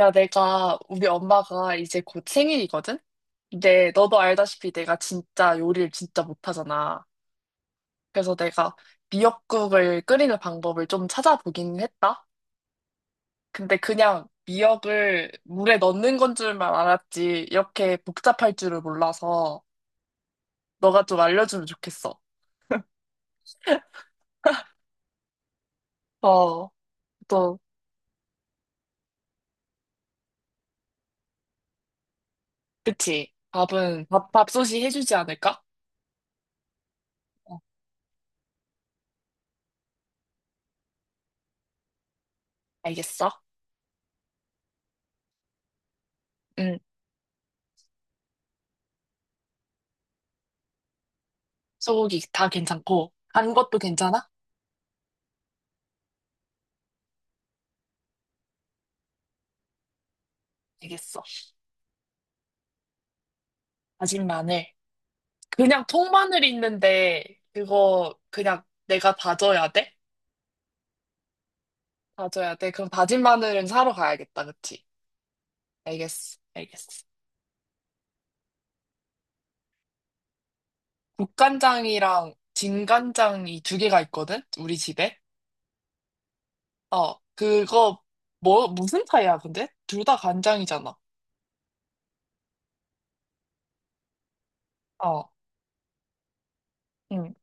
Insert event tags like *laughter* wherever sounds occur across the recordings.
야, 내가, 우리 엄마가 이제 곧 생일이거든? 근데 너도 알다시피 내가 진짜 요리를 진짜 못하잖아. 그래서 내가 미역국을 끓이는 방법을 좀 찾아보긴 했다. 근데 그냥 미역을 물에 넣는 건 줄만 알았지. 이렇게 복잡할 줄을 몰라서 너가 좀 알려주면 좋겠어. 어, 또, 그치. 밥은, 밥, 밥솥이 해주지 않을까? 어, 알겠어. 응. 소고기 다 괜찮고, 간 것도 괜찮아? 알겠어. 다진 마늘. 그냥 통마늘 있는데 그거 그냥 내가 다져야 돼? 다져야 돼? 그럼 다진 마늘은 사러 가야겠다, 그치? 알겠어, 알겠어. 국간장이랑 진간장이 두 개가 있거든? 우리 집에? 어, 그거 뭐 무슨 차이야, 근데? 둘 다 간장이잖아. 어, 응,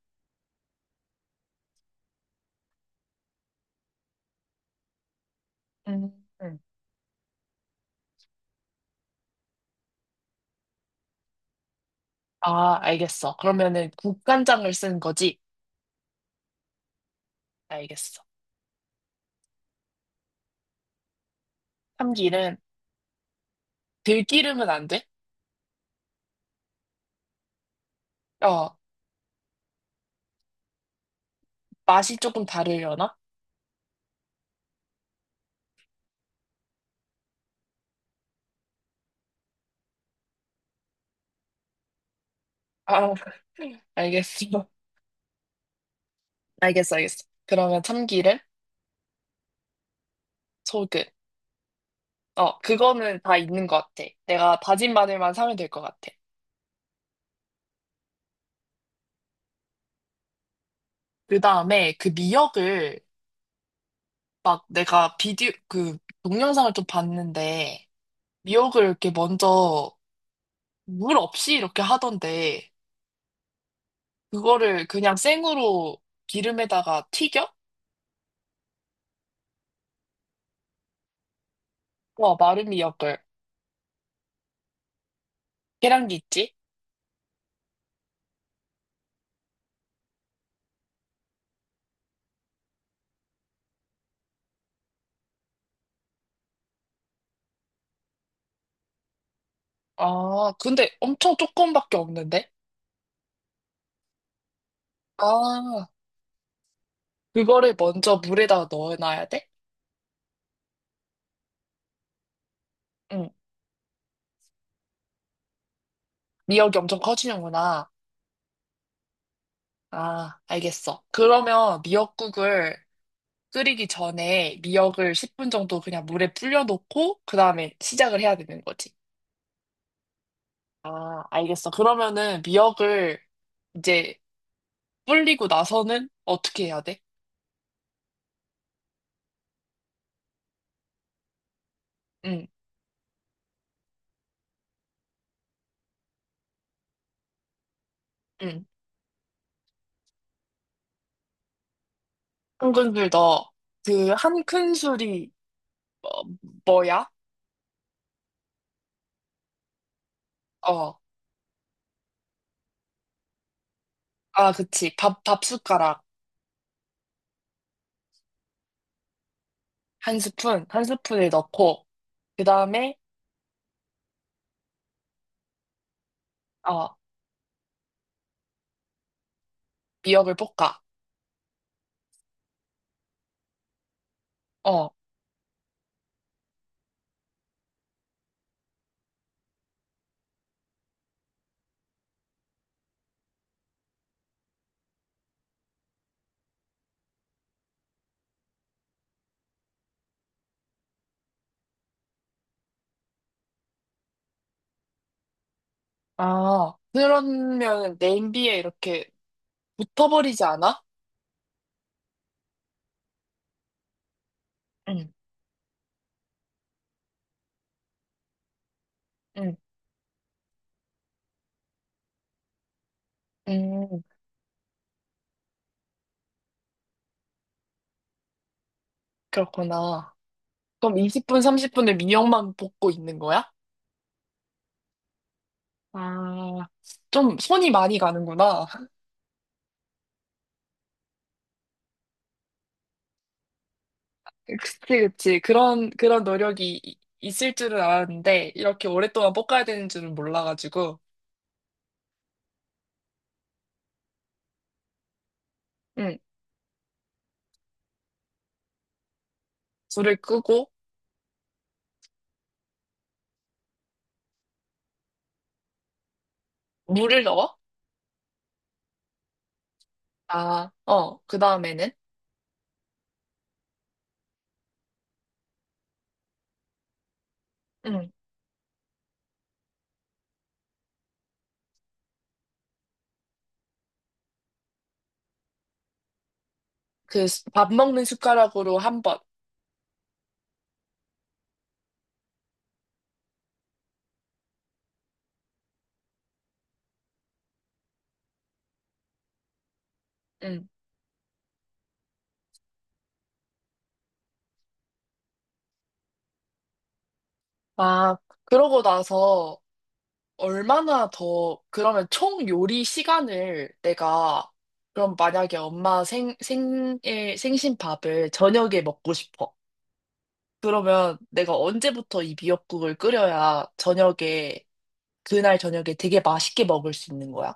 응, 응. 아, 알겠어. 그러면은 국간장을 쓴 거지? 알겠어. 참기름, 들기름은 안 돼? 어, 맛이 조금 다르려나? 아, *laughs* 알겠어. 알겠어, 알겠어. 그러면 참기름, 소금. 어, 그거는 다 있는 것 같아. 내가 다진 마늘만 사면 될 것 같아. 그 다음에 그 미역을 막 내가 비디오, 그 동영상을 좀 봤는데 미역을 이렇게 먼저 물 없이 이렇게 하던데 그거를 그냥 생으로 기름에다가 튀겨? 와, 마른 미역을. 계란기 있지? 아, 근데 엄청 조금밖에 없는데? 아, 그거를 먼저 물에다가 넣어놔야 돼? 응. 미역이 엄청 커지는구나. 아, 알겠어. 그러면 미역국을 끓이기 전에 미역을 10분 정도 그냥 물에 불려놓고 그 다음에 시작을 해야 되는 거지. 아, 알겠어. 그러면은 미역을 이제 불리고 나서는 어떻게 해야 돼? 응, 응. 한 큰술 넣어. 그 한 큰술이 뭐야? 어. 아, 그치. 밥, 밥 숟가락 한 스푼, 한 스푼을 넣고 그 다음에 어, 미역을 볶아. 어. 아, 그러면 냄비에 이렇게 붙어버리지 않아? 응, 응, 응, 그렇구나. 그럼 20분, 30분을 미역만 볶고 있는 거야? 아, 좀 손이 많이 가는구나. *laughs* 그치, 그치. 그런 노력이 있을 줄은 알았는데, 이렇게 오랫동안 볶아야 되는 줄은 몰라가지고. 응, 불을 끄고, 물을 넣어? 아, 어, 그 다음에는? 응, 그 밥 먹는 숟가락으로 한 번. 응. 아, 그러고 나서, 얼마나 더, 그러면 총 요리 시간을 내가, 그럼 만약에 엄마 생, 생일, 생신밥을 저녁에 먹고 싶어. 그러면 내가 언제부터 이 미역국을 끓여야 저녁에, 그날 저녁에 되게 맛있게 먹을 수 있는 거야?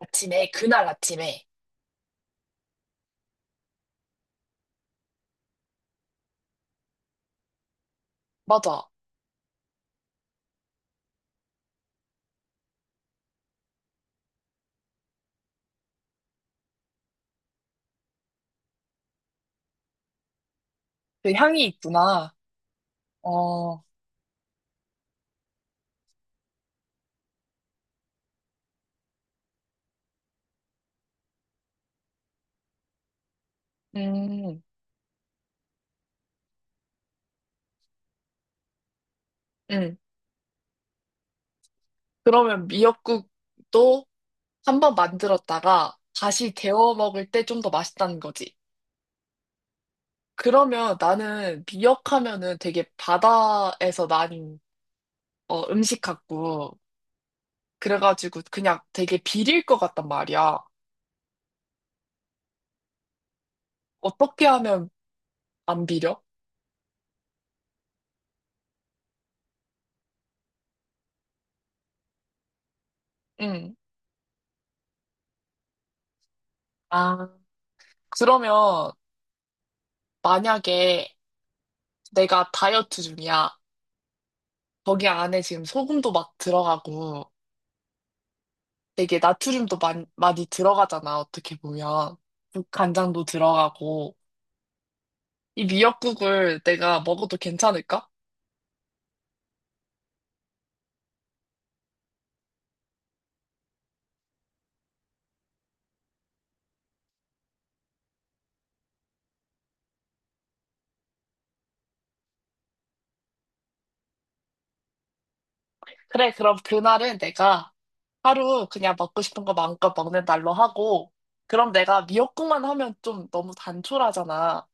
아침에, 그날 아침에. 맞아. 그 향이 있구나. 어, 음, 음. 그러면 미역국도 한번 만들었다가 다시 데워 먹을 때 좀 더 맛있다는 거지. 그러면 나는 미역하면은 되게 바다에서 난 어, 음식 같고 그래가지고 그냥 되게 비릴 것 같단 말이야. 어떻게 하면 안 비려? 응. 아, 그러면 만약에 내가 다이어트 중이야. 거기 안에 지금 소금도 막 들어가고 되게 나트륨도 많이, 많이 들어가잖아. 어떻게 보면. 간장도 들어가고 이 미역국을 내가 먹어도 괜찮을까? 그래, 그럼 그날은 내가 하루 그냥 먹고 싶은 거 마음껏 먹는 날로 하고, 그럼 내가 미역국만 하면 좀 너무 단촐하잖아.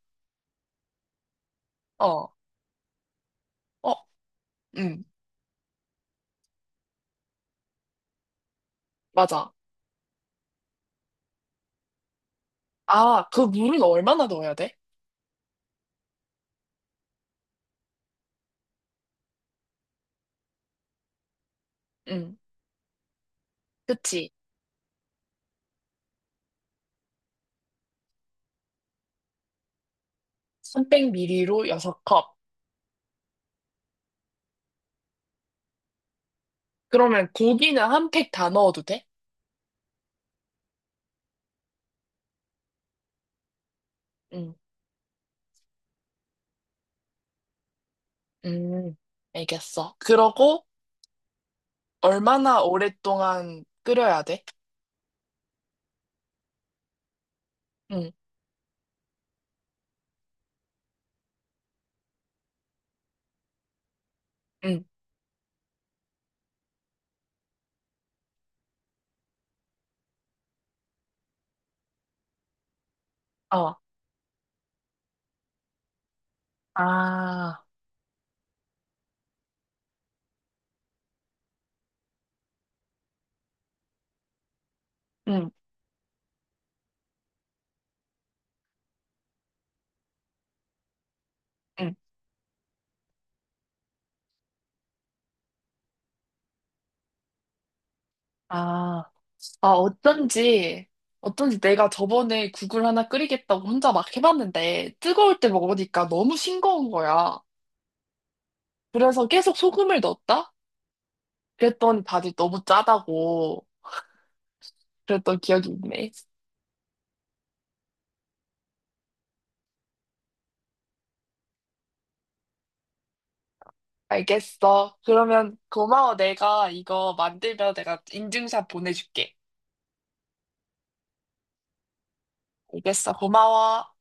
어, 어, 응, 맞아. 아, 그 물은 얼마나 넣어야 돼? 응, 그치. 300ml로 6컵. 그러면 고기는 한 팩 다 넣어도 돼? 응, 음, 알겠어. 그러고 얼마나 오랫동안 끓여야 돼? 응, 응, 어, 아, 응, 응, 아. 아, 어쩐지, 어쩐지 내가 저번에 국을 하나 끓이겠다고 혼자 막 해봤는데, 뜨거울 때 먹으니까 너무 싱거운 거야. 그래서 계속 소금을 넣었다? 그랬더니 다들 너무 짜다고 그랬던 기억이 있네. 알겠어. 그러면 고마워. 내가 이거 만들면 내가 인증샷 보내줄게. 알겠어. 고마워.